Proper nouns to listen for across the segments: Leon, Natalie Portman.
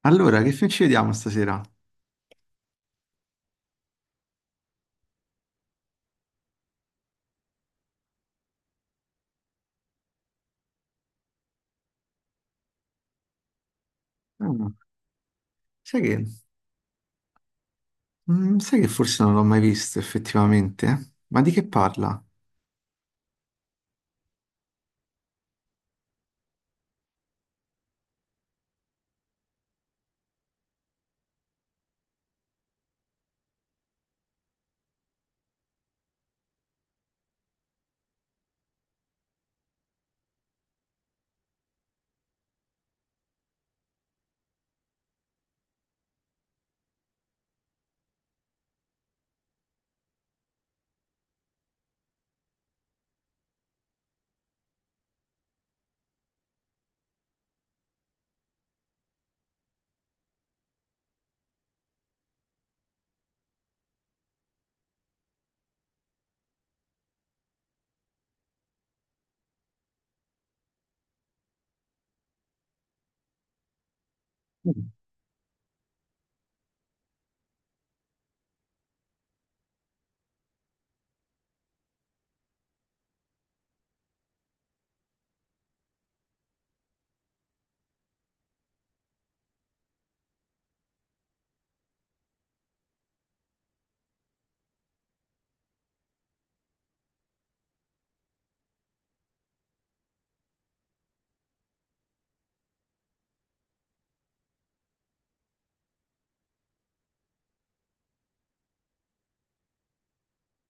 Allora, che film ci vediamo stasera? Ah, sai che, sai che forse non l'ho mai visto effettivamente? Ma di che parla? Mm.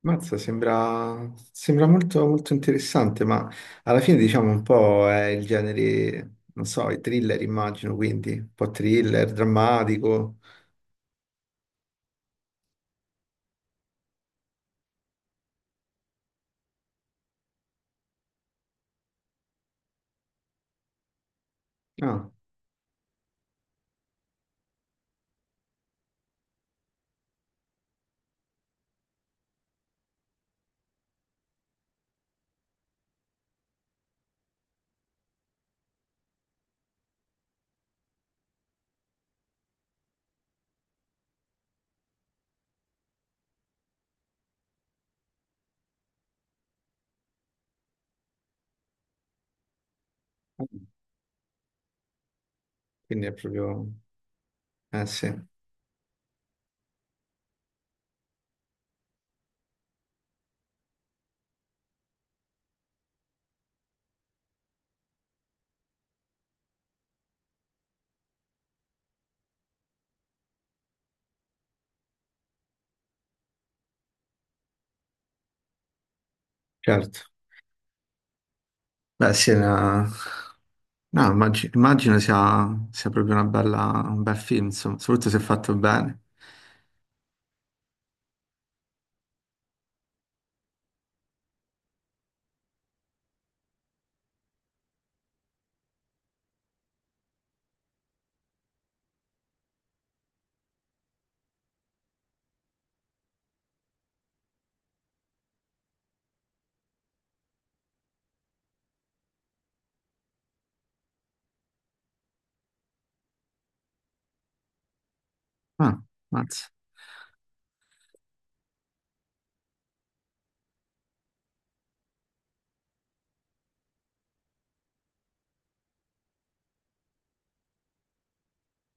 Mazza, sembra molto, molto interessante, ma alla fine diciamo un po' è il genere, non so, i thriller immagino, quindi un po' thriller, drammatico. Ah, quindi è proprio. Eh sì, certo. Beh sì, no, immagino sia proprio una bella, un bel film, insomma, soprattutto se fatto bene. Ah, mazza,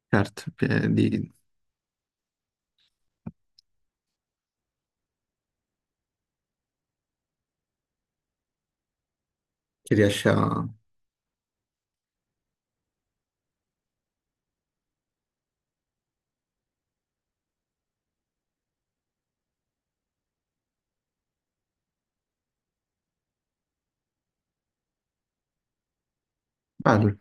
certo, chi riesce a. Bello.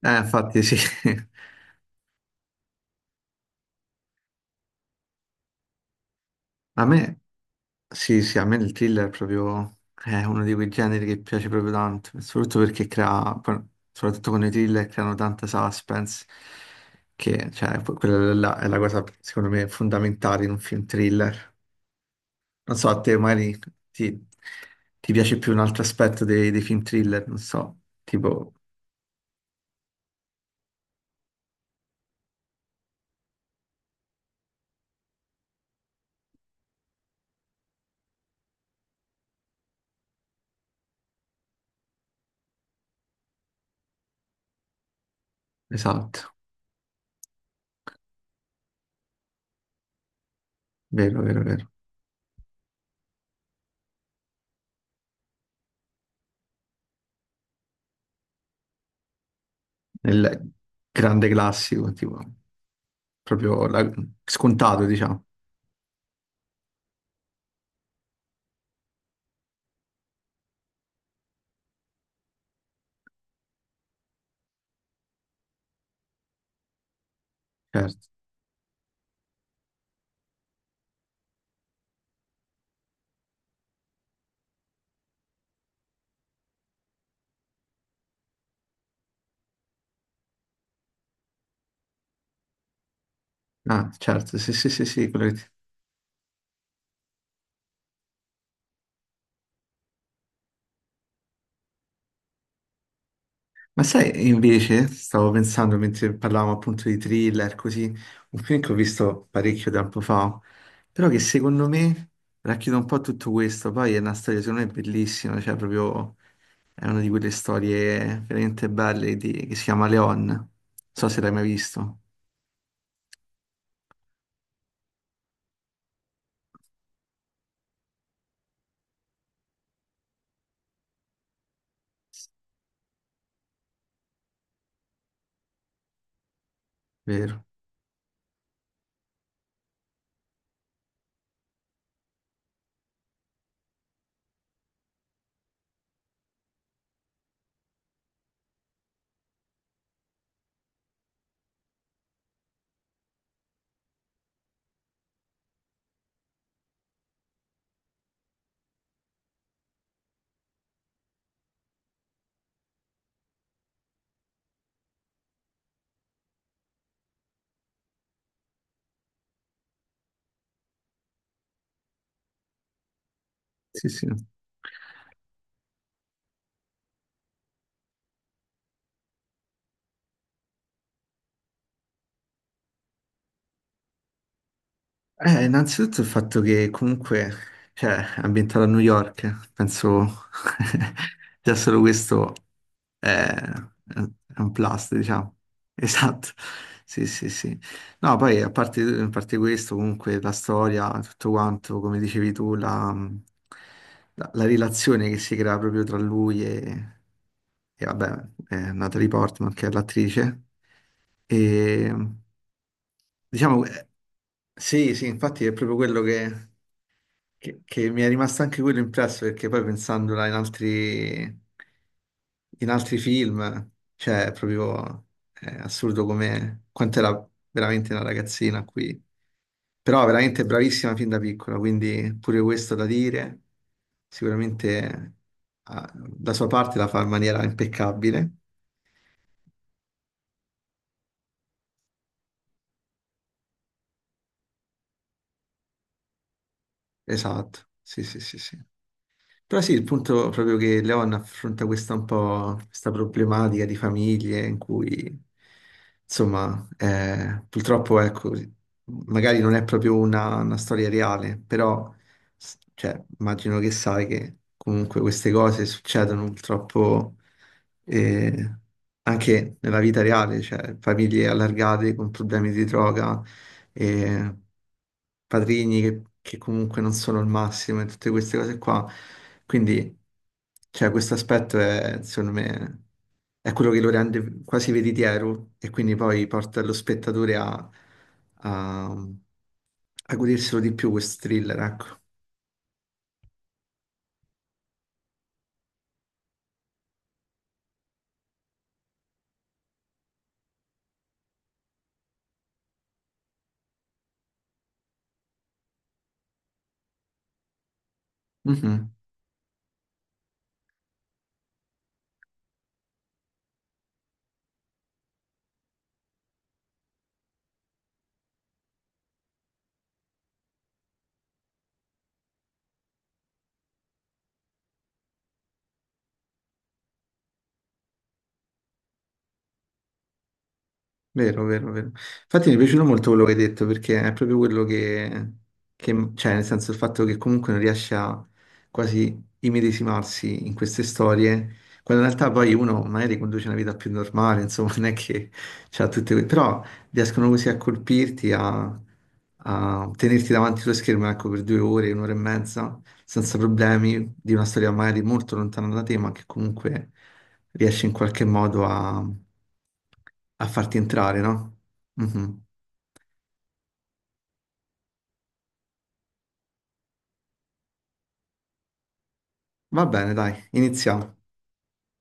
Infatti sì, a me, sì, sì, a me il thriller è uno di quei generi che piace proprio tanto, soprattutto soprattutto con i thriller creano tanta suspense, che, cioè, quella là è la cosa, secondo me, fondamentale in un film thriller. Non so, a te magari ti, ti piace più un altro aspetto dei film thriller, non so, tipo, esatto, vero, vero, vero. Nel grande classico, tipo, proprio la- scontato, diciamo. Certo. Ah, certo, sì, sì, sì, sì, quello che ti- Ma sai, invece, stavo pensando mentre parlavamo appunto di thriller, così, un film che ho visto parecchio tempo fa, però che secondo me racchiude un po' tutto questo, poi è una storia secondo me bellissima, cioè proprio è una di quelle storie veramente belle che si chiama Leon, non so se l'hai mai visto, vero? Sì, sì. Innanzitutto il fatto che comunque, cioè, è ambientato a New York, penso, già solo questo è un plus, diciamo. Esatto, sì, sì, sì. No, poi a parte questo, comunque la storia, tutto quanto, come dicevi tu, la relazione che si crea proprio tra lui e, vabbè, Natalie Portman, che è l'attrice, e... Diciamo, sì, sì, infatti è proprio quello che mi è rimasto anche quello impresso, perché poi pensandola in altri film, cioè, è assurdo come quanto era veramente una ragazzina qui. Però veramente bravissima fin da piccola, quindi pure questo da dire, sicuramente da sua parte la fa in maniera impeccabile. Esatto, sì, sì, sì, sì. Però sì, il punto proprio che Leon affronta questa problematica di famiglie in cui, insomma, purtroppo, ecco, magari non è proprio una storia reale, però, cioè, immagino che sai che comunque queste cose succedono purtroppo, eh, anche nella vita reale, cioè, famiglie allargate con problemi di droga, eh, padrini che comunque non sono il massimo e tutte queste cose qua. Quindi, cioè, questo aspetto è, secondo me, è quello che lo rende quasi veritiero e quindi poi porta lo spettatore a, a goderselo di più questo thriller, ecco. Mhm. Vero, vero, vero. Infatti mi è piaciuto molto quello che hai detto perché è proprio quello cioè nel senso il fatto che comunque non riesce a quasi immedesimarsi in queste storie, quando in realtà poi uno magari conduce una vita più normale, insomma, non è che c'ha tutte però riescono così a colpirti, a tenerti davanti allo schermo ecco, per 2 ore, un'ora e mezza, senza problemi, di una storia magari molto lontana da te, ma che comunque riesci in qualche modo a farti entrare, no? Mhm. Va bene, dai, iniziamo.